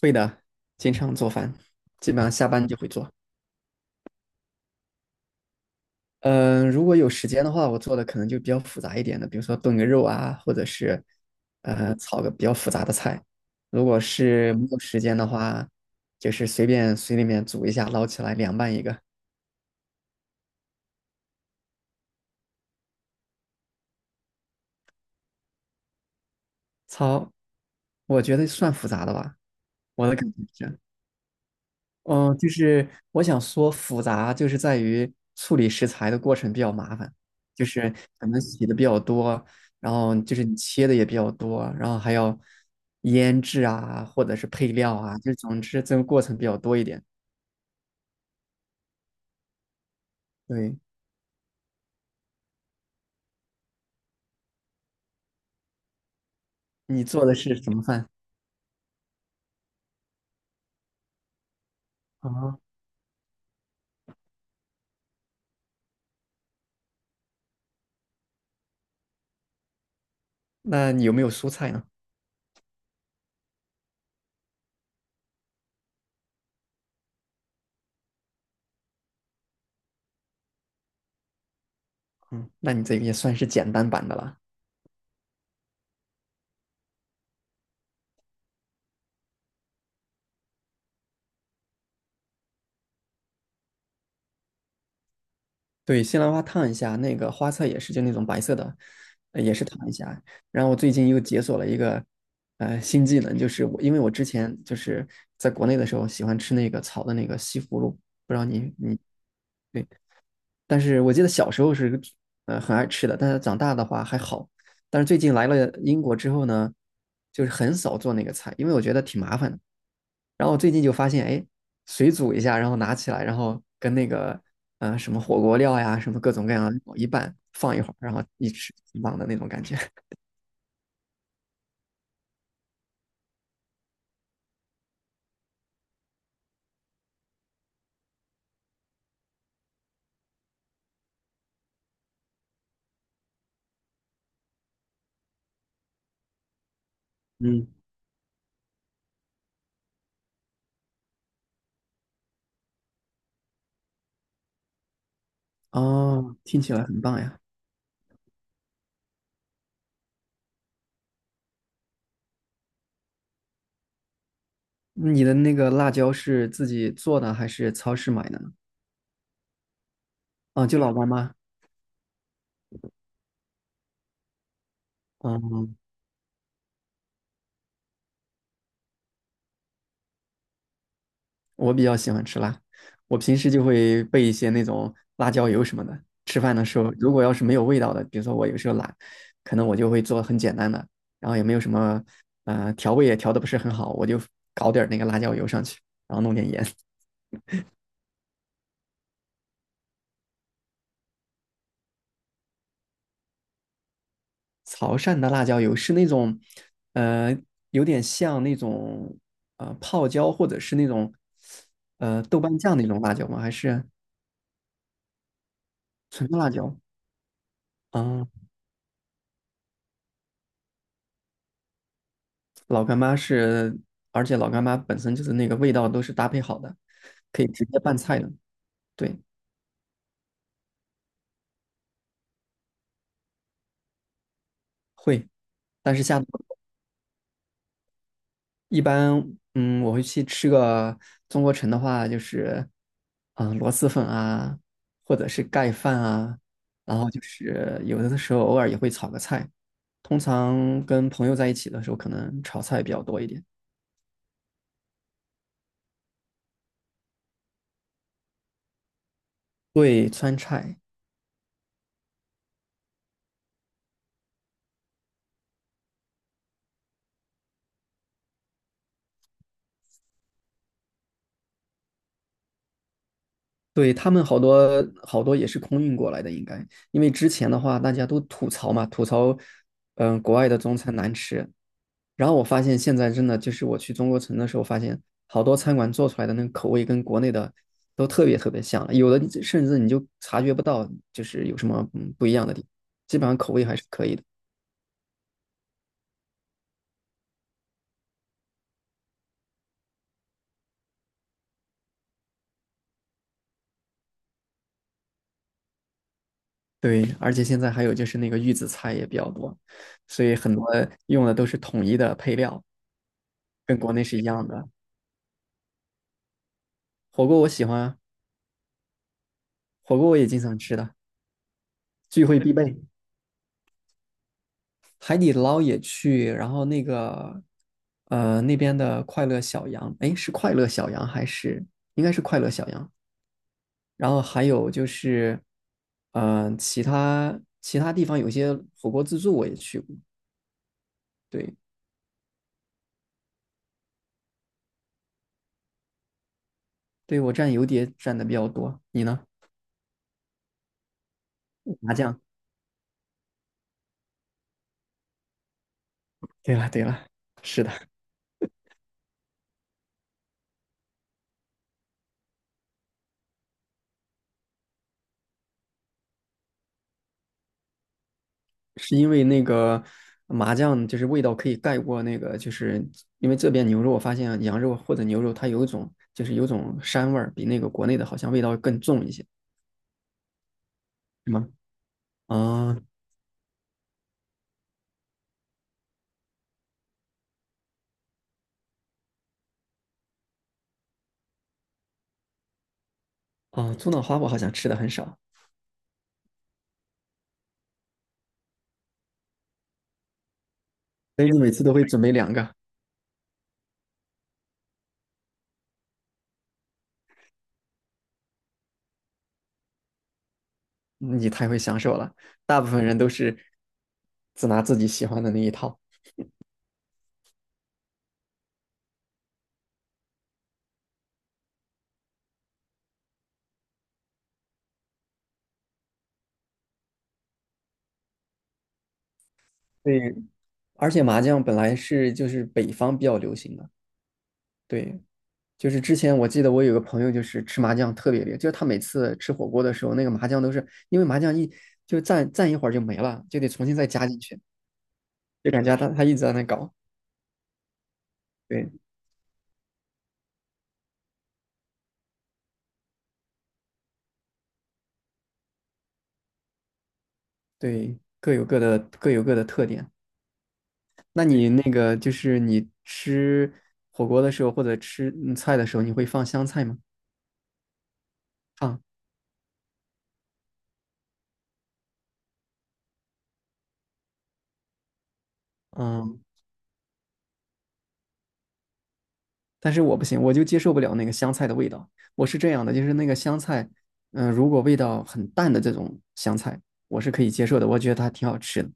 会的，经常做饭，基本上下班就会做。嗯，如果有时间的话，我做的可能就比较复杂一点的，比如说炖个肉啊，或者是炒个比较复杂的菜。如果是没有时间的话，就是随便水里面煮一下，捞起来凉拌一个。炒，我觉得算复杂的吧，我的感觉是。嗯，就是我想说复杂，就是在于处理食材的过程比较麻烦，就是可能洗的比较多，然后就是你切的也比较多，然后还要腌制啊，或者是配料啊，就总之这个过程比较多一点。对，你做的是什么饭？啊，那你有没有蔬菜呢？嗯，那你这个也算是简单版的了。对，西兰花烫一下，那个花菜也是就那种白色的，也是烫一下。然后我最近又解锁了一个新技能，就是我因为我之前就是在国内的时候喜欢吃那个炒的那个西葫芦，不知道你对但是我记得小时候是很爱吃的，但是长大的话还好。但是最近来了英国之后呢，就是很少做那个菜，因为我觉得挺麻烦的。然后我最近就发现，哎，水煮一下，然后拿起来，然后跟那个什么火锅料呀，什么各种各样的料一拌，放一会儿，然后一吃，挺棒的那种感觉。嗯，哦，听起来很棒呀！你的那个辣椒是自己做的还是超市买的呢？啊，就老干妈。哦，我比较喜欢吃辣，我平时就会备一些那种辣椒油什么的。吃饭的时候，如果要是没有味道的，比如说我有时候懒，可能我就会做很简单的，然后也没有什么，调味也调的不是很好，我就搞点儿那个辣椒油上去，然后弄点盐。潮汕的辣椒油是那种，呃，有点像那种泡椒或者是那种豆瓣酱那种辣椒吗？还是纯辣椒？啊、老干妈是，而且老干妈本身就是那个味道都是搭配好的，可以直接拌菜的。对，会，但是下次一般，嗯，我会去吃个中国城的话，就是，嗯、螺蛳粉啊，或者是盖饭啊，然后就是有的时候偶尔也会炒个菜，通常跟朋友在一起的时候，可能炒菜比较多一点。对，川菜，对，他们好多好多也是空运过来的，应该，因为之前的话大家都吐槽嘛，吐槽，嗯、国外的中餐难吃。然后我发现现在真的就是我去中国城的时候，发现好多餐馆做出来的那个口味跟国内的都特别特别像了，有的甚至你就察觉不到就是有什么嗯不一样的地方，基本上口味还是可以的。对，而且现在还有就是那个预制菜也比较多，所以很多用的都是统一的配料，跟国内是一样的。火锅我喜欢啊，火锅我也经常吃的，聚会必备。海底捞也去，然后那个那边的快乐小羊，哎，是快乐小羊还是应该是快乐小羊？然后还有就是嗯、其他地方有些火锅自助我也去过，对对，我蘸油碟蘸的比较多，你呢？麻酱。对了对了，是的。是因为那个麻酱就是味道可以盖过那个，就是因为这边牛肉，我发现羊肉或者牛肉它有一种就是有种膻味儿，比那个国内的好像味道更重一些，是吗？啊啊，猪脑花我好像吃的很少，所以你每次都会准备两个，你太会享受了。大部分人都是只拿自己喜欢的那一套。对，而且麻酱本来是就是北方比较流行的，对，就是之前我记得我有个朋友，就是吃麻酱特别厉害，就是他每次吃火锅的时候，那个麻酱都是因为麻酱一就蘸一会儿就没了，就得重新再加进去，就感觉他一直在那搞。对对，各有各的特点。那你那个就是你吃火锅的时候或者吃嗯菜的时候，你会放香菜吗？放，嗯，但是我不行，我就接受不了那个香菜的味道。我是这样的，就是那个香菜，嗯、如果味道很淡的这种香菜，我是可以接受的，我觉得它挺好吃的。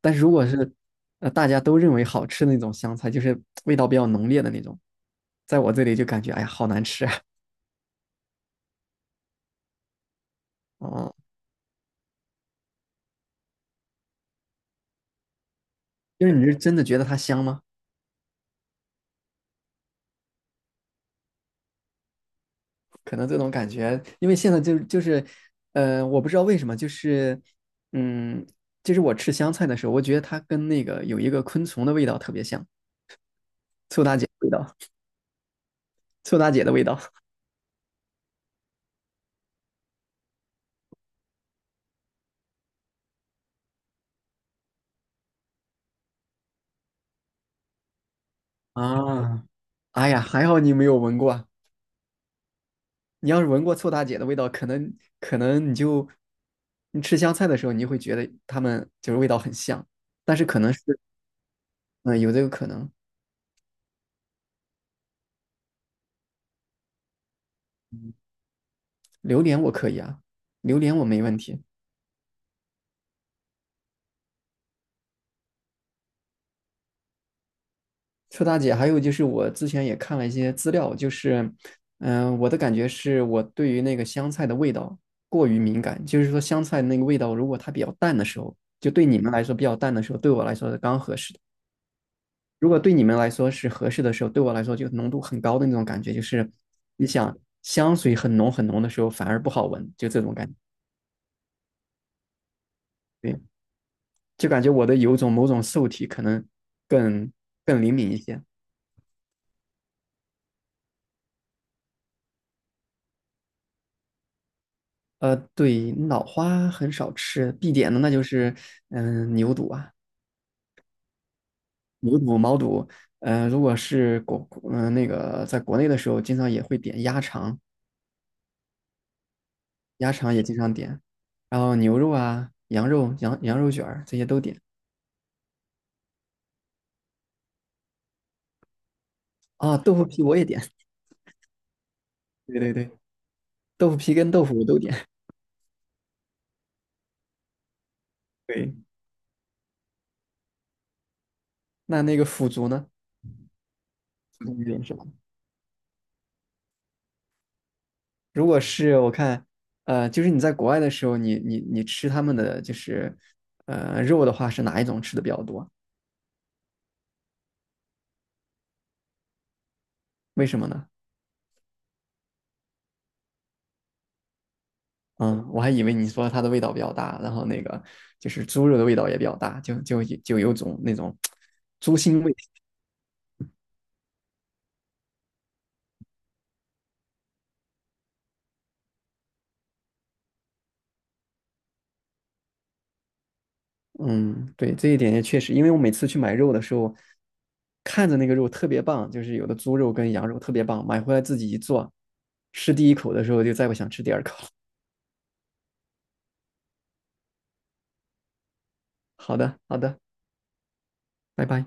但是如果是大家都认为好吃的那种香菜，就是味道比较浓烈的那种，在我这里就感觉哎呀好难吃啊！哦，就是你是真的觉得它香吗？可能这种感觉，因为现在就是我不知道为什么，就是嗯，就是我吃香菜的时候，我觉得它跟那个有一个昆虫的味道特别像，味道。臭大姐的味道 啊，哎呀，还好你没有闻过，你要是闻过臭大姐的味道，可能你就你吃香菜的时候，你就会觉得它们就是味道很像，但是可能是嗯、有这个可能。榴莲我可以啊，榴莲我没问题。臭大姐，还有就是我之前也看了一些资料，就是嗯、我的感觉是我对于那个香菜的味道过于敏感，就是说香菜那个味道如果它比较淡的时候，就对你们来说比较淡的时候，对我来说是刚合适的。如果对你们来说是合适的时候，对我来说就浓度很高的那种感觉，就是你想香水很浓很浓的时候反而不好闻，就这种感觉。对，就感觉我的有种某种受体可能更更灵敏一些。对，脑花很少吃，必点的那就是嗯、牛肚啊，牛肚、毛肚。呃，如果是国嗯、那个在国内的时候，经常也会点鸭肠，鸭肠也经常点，然后牛肉啊、羊肉、羊肉卷儿这些都点啊，豆腐皮我也点。对对对，豆腐皮跟豆腐我都点。对，那那个腐竹呢？腐竹你点什么？如果是我看，呃，就是你在国外的时候，你吃他们的就是肉的话，是哪一种吃的比较多？为什么呢？嗯，我还以为你说它的味道比较大，然后那个就是猪肉的味道也比较大，就有种那种 猪腥味。嗯，对，这一点也确实，因为我每次去买肉的时候，看着那个肉特别棒，就是有的猪肉跟羊肉特别棒，买回来自己一做，吃第一口的时候就再不想吃第二口了。好的，好的，拜拜。